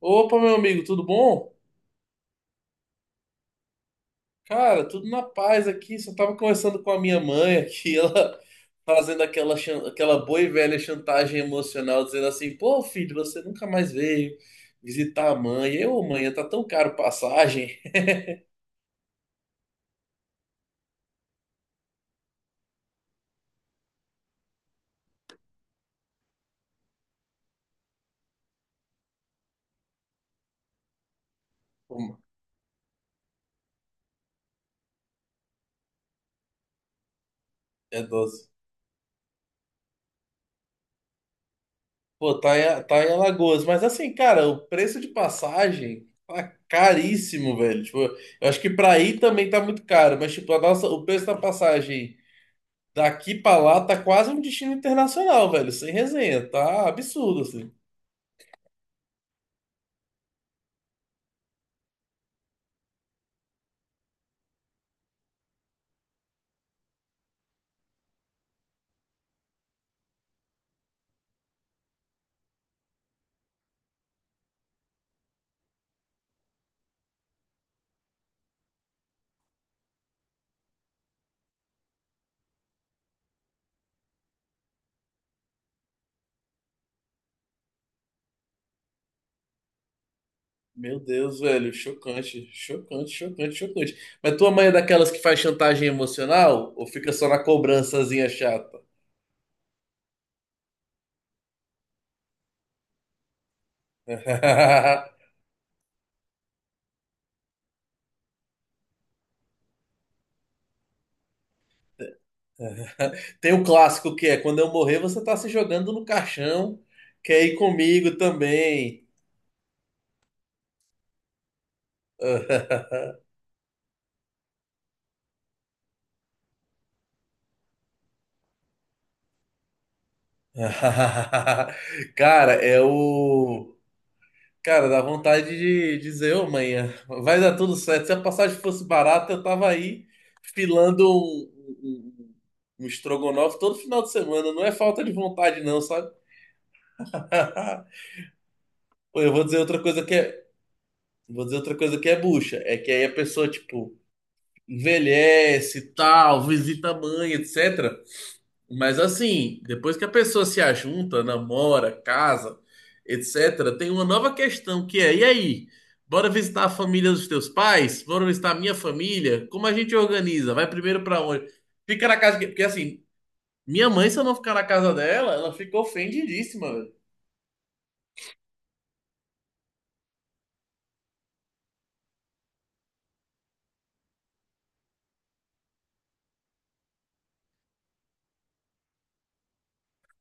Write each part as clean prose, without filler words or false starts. Opa, meu amigo, tudo bom? Cara, tudo na paz aqui. Só tava conversando com a minha mãe aqui, ela fazendo aquela boa e velha chantagem emocional, dizendo assim: pô, filho, você nunca mais veio visitar a mãe. Eu, mãe, tá tão caro passagem. Pô, é doce. Pô, tá em Alagoas. Mas assim, cara, o preço de passagem tá caríssimo, velho. Tipo, eu acho que pra ir também tá muito caro, mas tipo, o preço da passagem. Daqui pra lá tá quase um destino internacional, velho. Sem resenha. Tá absurdo, assim. Meu Deus, velho. Chocante. Chocante, chocante, chocante. Mas tua mãe é daquelas que faz chantagem emocional? Ou fica só na cobrançazinha chata? Tem o clássico que é: quando eu morrer, você tá se jogando no caixão. Quer ir comigo também? Cara, é o. Cara, dá vontade de dizer, ô manhã, vai dar tudo certo. Se a passagem fosse barata, eu tava aí filando um, um- um estrogonofe todo final de semana. Não é falta de vontade, não, sabe? Pô, eu vou dizer outra coisa que é, Vou dizer outra coisa que é bucha. É que aí a pessoa, tipo, envelhece e tal, visita a mãe, etc. Mas assim, depois que a pessoa se ajunta, namora, casa, etc., tem uma nova questão que é: e aí? Bora visitar a família dos teus pais? Bora visitar a minha família? Como a gente organiza? Vai primeiro pra onde? Fica na casa. Que- Porque assim, minha mãe, se eu não ficar na casa dela, ela fica ofendidíssima, velho.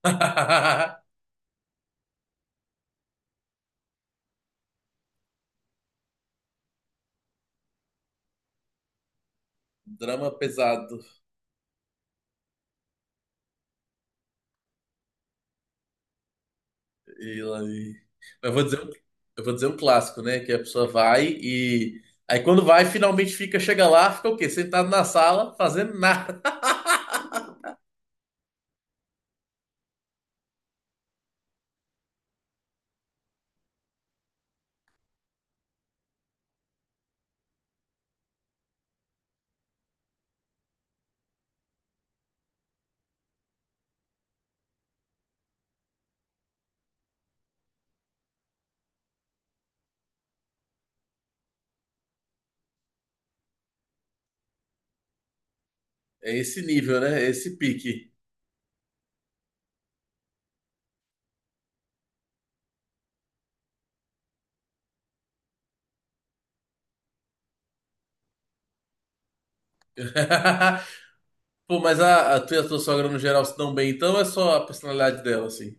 Drama pesado. E lá- e- eu vou dizer, um- eu vou dizer um clássico, né? Que a pessoa vai e. Aí quando vai, finalmente fica, chega lá, fica o quê? Sentado na sala, fazendo nada. É esse nível, né? É esse pique. Pô, mas a tua e a tua sogra no geral se dão bem, então ou é só a personalidade dela, assim.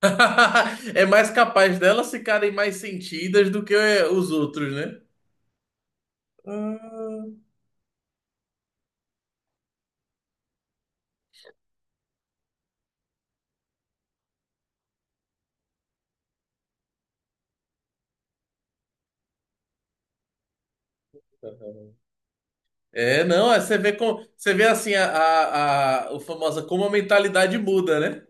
É mais capaz delas ficarem mais sentidas do que os outros, né? Ah. É, não, é, você vê você vê assim a o famosa como a mentalidade muda, né?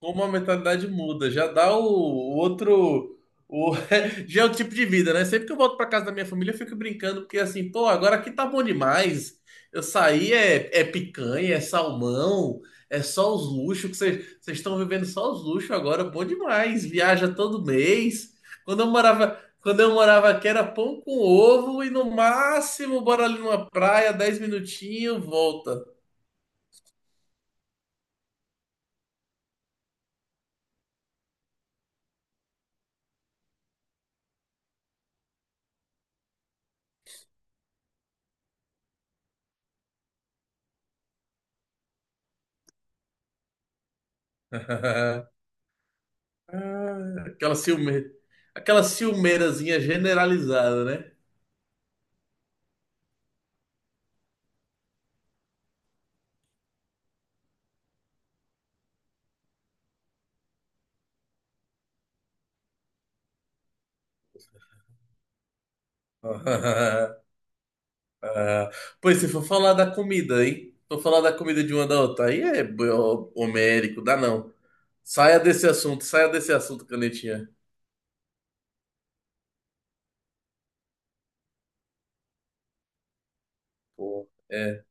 Como a mentalidade muda, já dá o outro. O, já é o tipo de vida, né? Sempre que eu volto pra casa da minha família, eu fico brincando, porque assim, pô, agora aqui tá bom demais. É picanha, é salmão, é só os luxos, que vocês estão vivendo só os luxos agora, bom demais. Viaja todo mês. Quando eu morava aqui era pão com ovo e no máximo, bora ali numa praia, 10 minutinhos, volta. Ah, aquela ciume, aquela ciumeirazinha generalizada, né? Ah, pois se for falar da comida, hein? Se for falar da comida de uma da outra, homérico, dá não. Saia desse assunto, canetinha. Pô, é.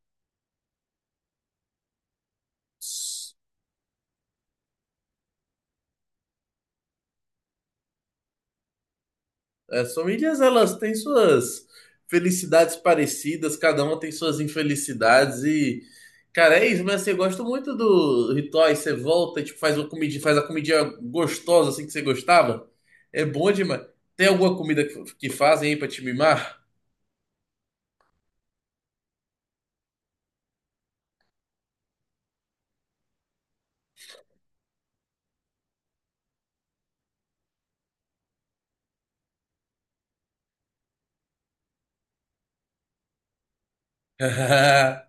As famílias, elas têm suas felicidades parecidas, cada uma tem suas infelicidades e. Cara, é isso, mas assim, eu gosto muito do ritual. Você volta, e, tipo, faz uma comidinha, faz a comidinha gostosa assim que você gostava. É bom demais. Tem alguma comida que fazem aí pra te mimar?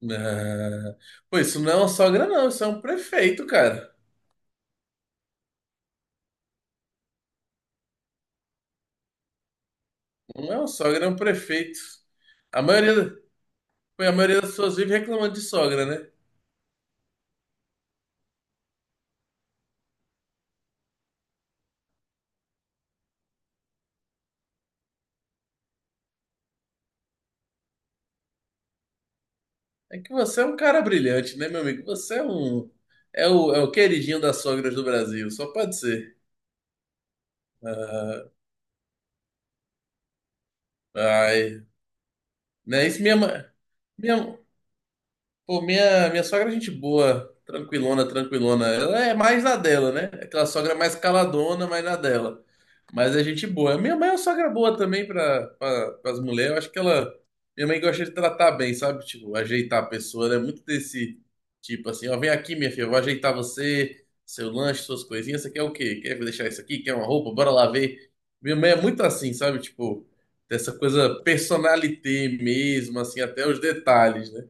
Não. Pô, isso não é uma sogra, não. Isso é um prefeito, cara. Não é uma sogra, é um prefeito. A maioria, pô, a maioria das pessoas vive reclamando de sogra, né? É que você é um cara brilhante, né, meu amigo? Você é um. É o queridinho das sogras do Brasil, só pode ser. Ai, né? Isso minha mãe. Minha Pô, minha sogra é gente boa, tranquilona, tranquilona. Ela é mais na dela, né? Aquela sogra mais caladona, mais na dela. Mas é gente boa. Minha mãe é uma sogra boa também pra as mulheres. Eu acho que ela. Minha mãe gosta de tratar bem, sabe? Tipo, ajeitar a pessoa, né? Muito desse tipo assim: ó, vem aqui, minha filha, eu vou ajeitar você, seu lanche, suas coisinhas. Você quer o quê? Quer deixar isso aqui? Quer uma roupa? Bora lá ver. Minha mãe é muito assim, sabe? Tipo, dessa coisa personalité mesmo, assim, até os detalhes, né?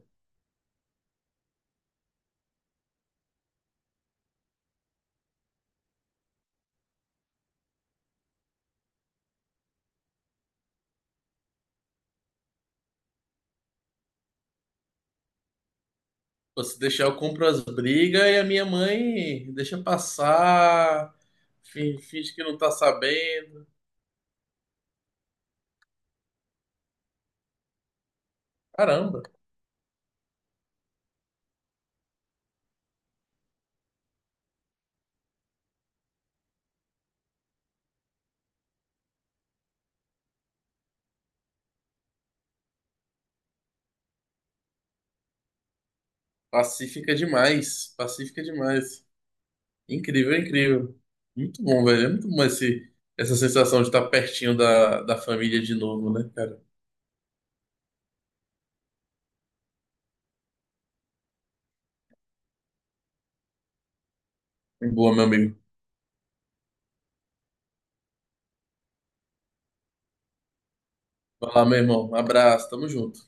Pô, se deixar, eu compro as brigas e a minha mãe deixa passar, finge que não tá sabendo. Caramba, pacífica demais, pacífica demais. Incrível, incrível. Muito bom, velho. É muito bom essa sensação de estar pertinho da família de novo, né, cara? Boa, meu amigo. Vai lá, meu irmão. Abraço, tamo junto.